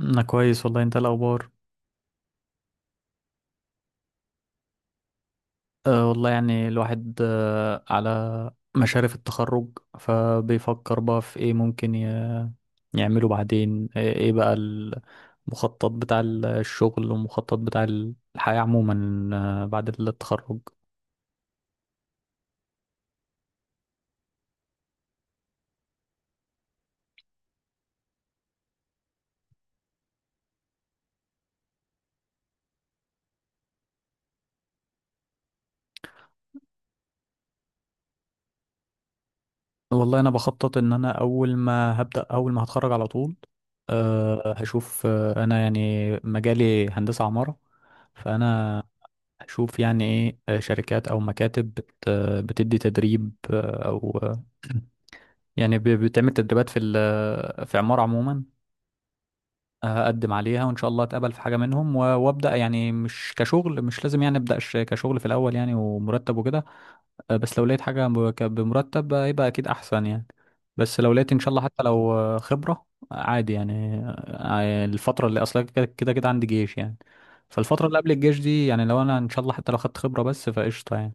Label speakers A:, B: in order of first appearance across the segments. A: انا كويس والله، انت إيه الاخبار؟ والله، يعني الواحد على مشارف التخرج، فبيفكر بقى في ايه ممكن يعمله بعدين. إيه بقى المخطط بتاع الشغل، والمخطط بتاع الحياة عموما بعد التخرج. والله انا بخطط ان انا اول ما هتخرج على طول هشوف. انا يعني مجالي هندسة عمارة، فانا اشوف يعني ايه، شركات او مكاتب بتدي تدريب او يعني بتعمل تدريبات في عمارة عموما. اقدم عليها، وان شاء الله اتقبل في حاجة منهم، وابدا، يعني مش كشغل، مش لازم يعني ابدا كشغل في الاول يعني، ومرتب وكده. بس لو لقيت حاجة بمرتب يبقى اكيد احسن يعني. بس لو لقيت ان شاء الله، حتى لو خبرة عادي يعني، الفترة اللي اصلا كده كده كده عندي جيش يعني. فالفترة اللي قبل الجيش دي، يعني لو انا ان شاء الله حتى لو خدت خبرة بس، فقشطة يعني.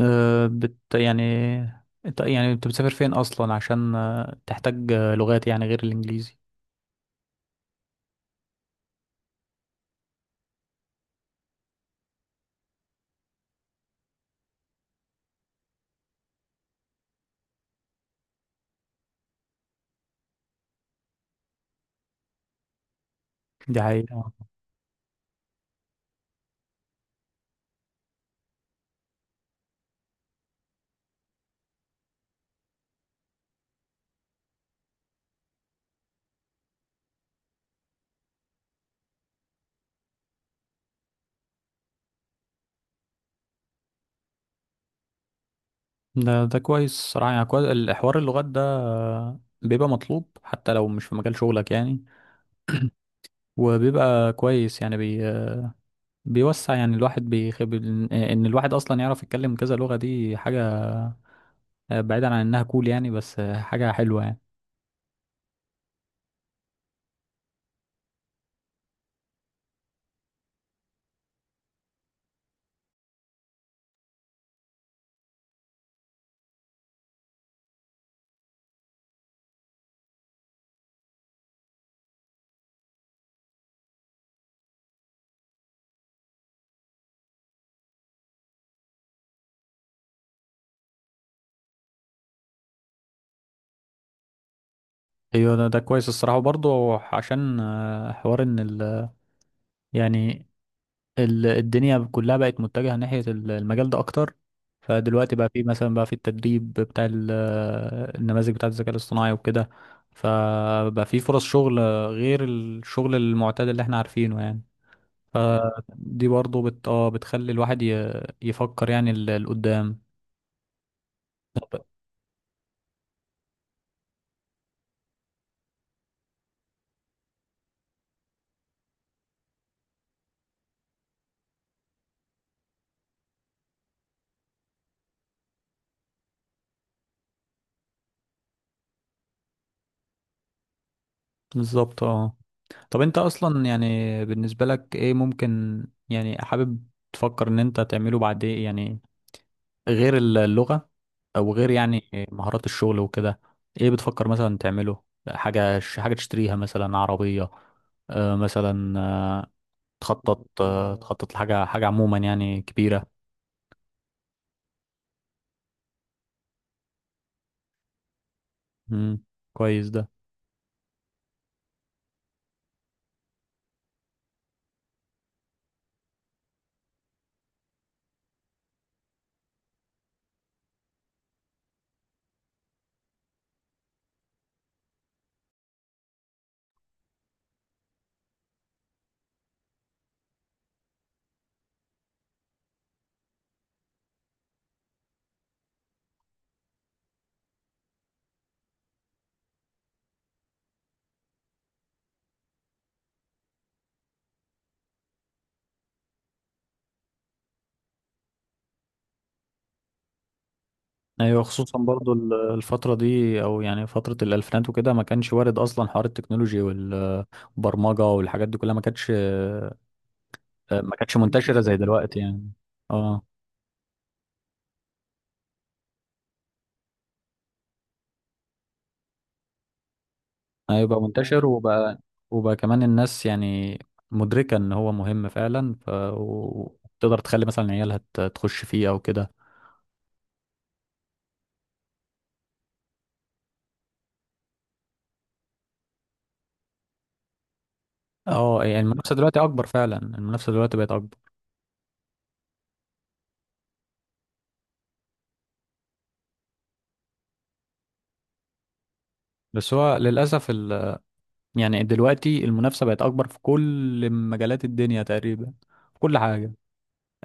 A: آه، بت يعني انت يعني بتسافر فين اصلا عشان تحتاج لغات يعني غير الانجليزي؟ دي حقيقة. ده كويس صراحة، يعني كويس الحوار اللغات ده، بيبقى مطلوب حتى لو مش في مجال شغلك يعني. وبيبقى كويس يعني بيوسع يعني الواحد، بيخب ان الواحد اصلا يعرف يتكلم كذا لغة، دي حاجة بعيدا عن انها كول يعني، بس حاجة حلوة يعني. ايوه، ده كويس الصراحة برضه، عشان حوار ان ال، يعني الدنيا كلها بقت متجهة ناحية المجال ده أكتر، فدلوقتي بقى في مثلا، بقى في التدريب بتاع النماذج بتاعة الذكاء الاصطناعي وكده، فبقى في فرص شغل غير الشغل المعتاد اللي احنا عارفينه يعني. فدي برضه بت... آه بتخلي الواحد يفكر يعني لقدام. بالظبط، اه. طب انت اصلا يعني بالنسبة لك ايه ممكن، يعني حابب تفكر ان انت تعمله بعد ايه يعني، غير اللغة او غير يعني مهارات الشغل وكده؟ ايه بتفكر مثلا تعمله؟ حاجة تشتريها مثلا، عربية مثلا، تخطط لحاجة عموما يعني كبيرة. مم. كويس ده. ايوه، خصوصا برضو الفترة دي، او يعني فترة الالفينات وكده، ما كانش وارد اصلا حوار التكنولوجي والبرمجة والحاجات دي كلها، ما كانتش منتشرة زي دلوقتي يعني. اه، هيبقى منتشر وبقى كمان الناس يعني مدركة ان هو مهم فعلا، ف وتقدر تخلي مثلا عيالها تخش فيه او كده. اه، يعني المنافسة دلوقتي اكبر، فعلا المنافسة دلوقتي بقت اكبر. بس هو للأسف يعني دلوقتي المنافسة بقت اكبر في كل مجالات الدنيا تقريبا، في كل حاجة.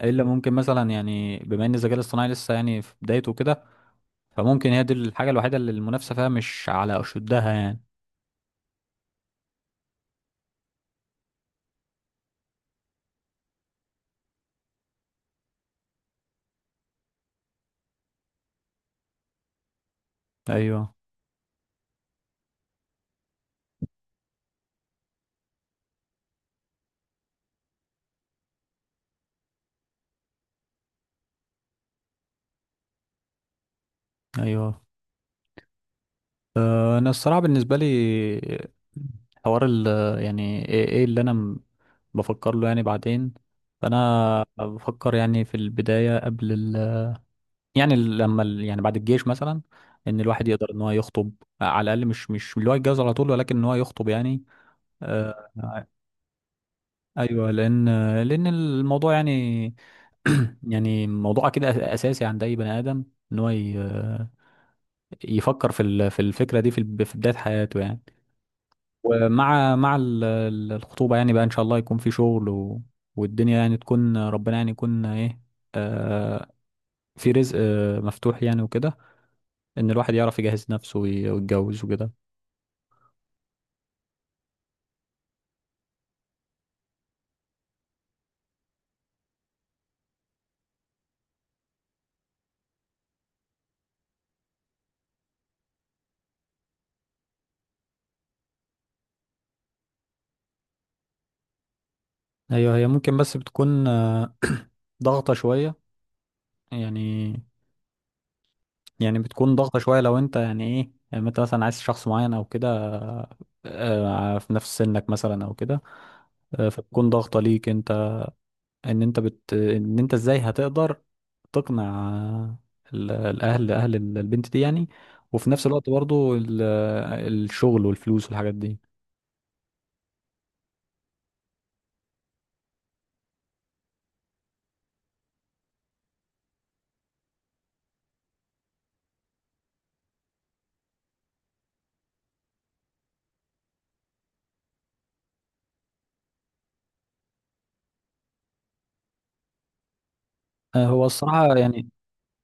A: الا ممكن مثلا، يعني بما ان الذكاء الاصطناعي لسه يعني في بدايته كده، فممكن هي دي الحاجة الوحيدة اللي المنافسة فيها مش على اشدها يعني. ايوه، ايوه. انا الصراحه بالنسبه لي حوار ال، يعني ايه اللي انا بفكر له يعني بعدين. فانا بفكر يعني في البدايه قبل ال يعني ال- لما ال يعني بعد الجيش مثلا، ان الواحد يقدر ان هو يخطب، على الاقل مش اللي هو يتجوز على طول، ولكن ان هو يخطب يعني. آه، ايوه لان الموضوع يعني يعني موضوع كده اساسي عند اي بني ادم، ان هو يفكر في الفكره دي في بدايه حياته يعني. ومع الخطوبة، يعني بقى إن شاء الله يكون في شغل والدنيا يعني تكون، ربنا يعني يكون إيه، آه في رزق مفتوح يعني وكده، إن الواحد يعرف يجهز نفسه ويتجوز وكده. أيوه، هي ممكن، بس بتكون ضغطة شوية يعني. بتكون ضغطة شوية لو أنت يعني إيه، يعني أنت مثلا عايز شخص معين أو كده، في نفس سنك مثلا أو كده، فبتكون ضغطة ليك أنت، ان انت ازاي هتقدر تقنع الاهل، اهل البنت دي يعني، وفي نفس الوقت برضو الشغل والفلوس والحاجات دي. آه، هو الصراحة يعني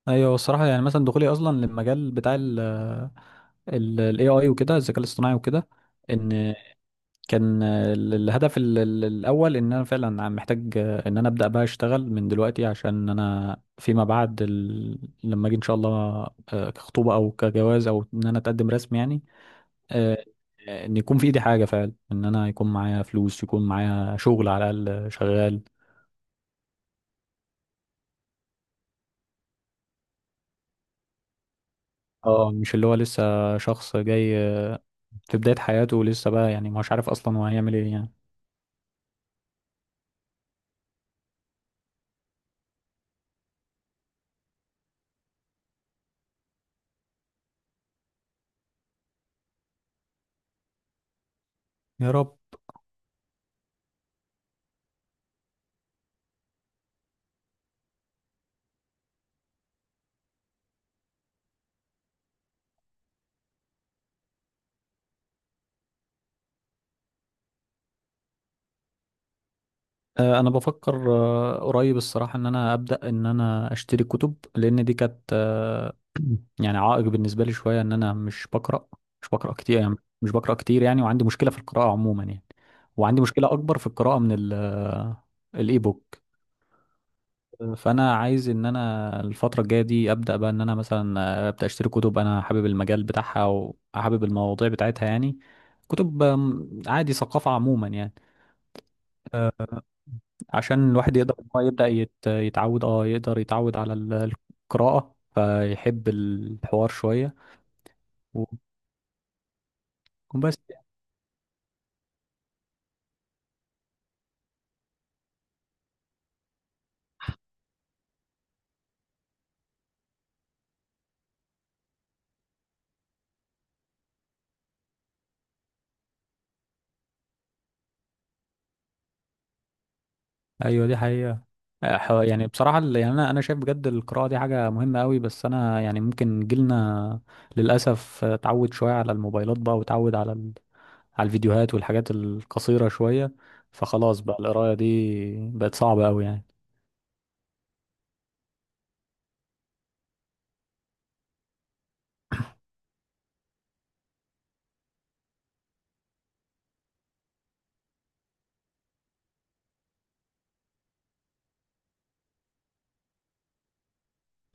A: ايوه، هو الصراحة يعني مثلا دخولي اصلا للمجال بتاع ال AI وكده، الذكاء الاصطناعي وكده، ان كان الهدف الاول ان انا فعلا عم محتاج ان انا ابدا بقى اشتغل من دلوقتي، عشان انا فيما بعد لما اجي ان شاء الله كخطوبه او كجواز او ان انا اتقدم رسمي يعني. آه، ان يكون في ايدي حاجه فعلا، ان انا يكون معايا فلوس، يكون معايا شغل على الاقل شغال. اه، مش اللي هو لسه شخص جاي في بدايه حياته، ولسه بقى يعني مش عارف اصلا هو هيعمل ايه يعني. يا رب. انا بفكر قريب الصراحه، ان انا ابدا ان انا اشتري كتب، لان دي كانت يعني عائق بالنسبه لي شويه، ان انا مش بقرا كتير يعني. مش بقرا كتير يعني، وعندي مشكله في القراءه عموما يعني، وعندي مشكله اكبر في القراءه من الاي بوك. فانا عايز ان انا الفتره الجايه دي ابدا بقى ان انا مثلا اشتري كتب، انا حابب المجال بتاعها، او حابب المواضيع بتاعتها يعني. كتب عادي، ثقافه عموما يعني، عشان الواحد يقدر إن هو يبدا يت- يتعود اه يقدر يتعود على القراءه، فيحب الحوار شويه. و- وبس يعني. ايوه، دي حقيقه. يعني بصراحه يعني انا شايف بجد القراءه دي حاجه مهمه قوي، بس انا يعني ممكن جيلنا للاسف اتعود شويه على الموبايلات بقى، وتعود على الفيديوهات والحاجات القصيرة شوية، فخلاص بقى القراية دي بقت صعبة أوي يعني.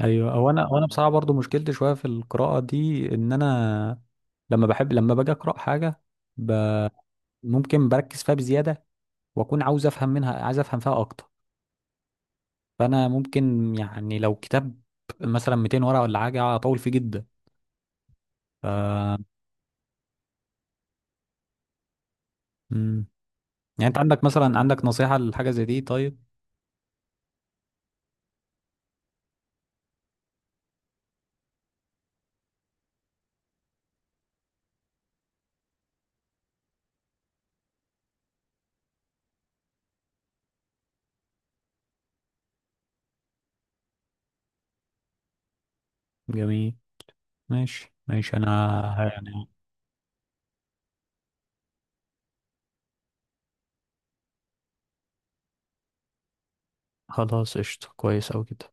A: أيوة، هو أنا، وأنا بصراحة برضو مشكلتي شوية في القراءة دي، إن أنا لما باجي أقرأ حاجة ب... ممكن بركز فيها بزيادة، وأكون عاوز أفهم منها عايز أفهم فيها أكتر، فأنا ممكن يعني لو كتاب مثلا 200 ورقة، ولا حاجة أطول فيه جدا ف... مم. يعني أنت عندك مثلا، نصيحة لحاجة زي دي طيب؟ جميل، ماشي ماشي، أنا ه- خلاص قشطة، كويس أوي كده.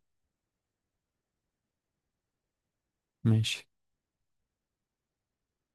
A: ماشي.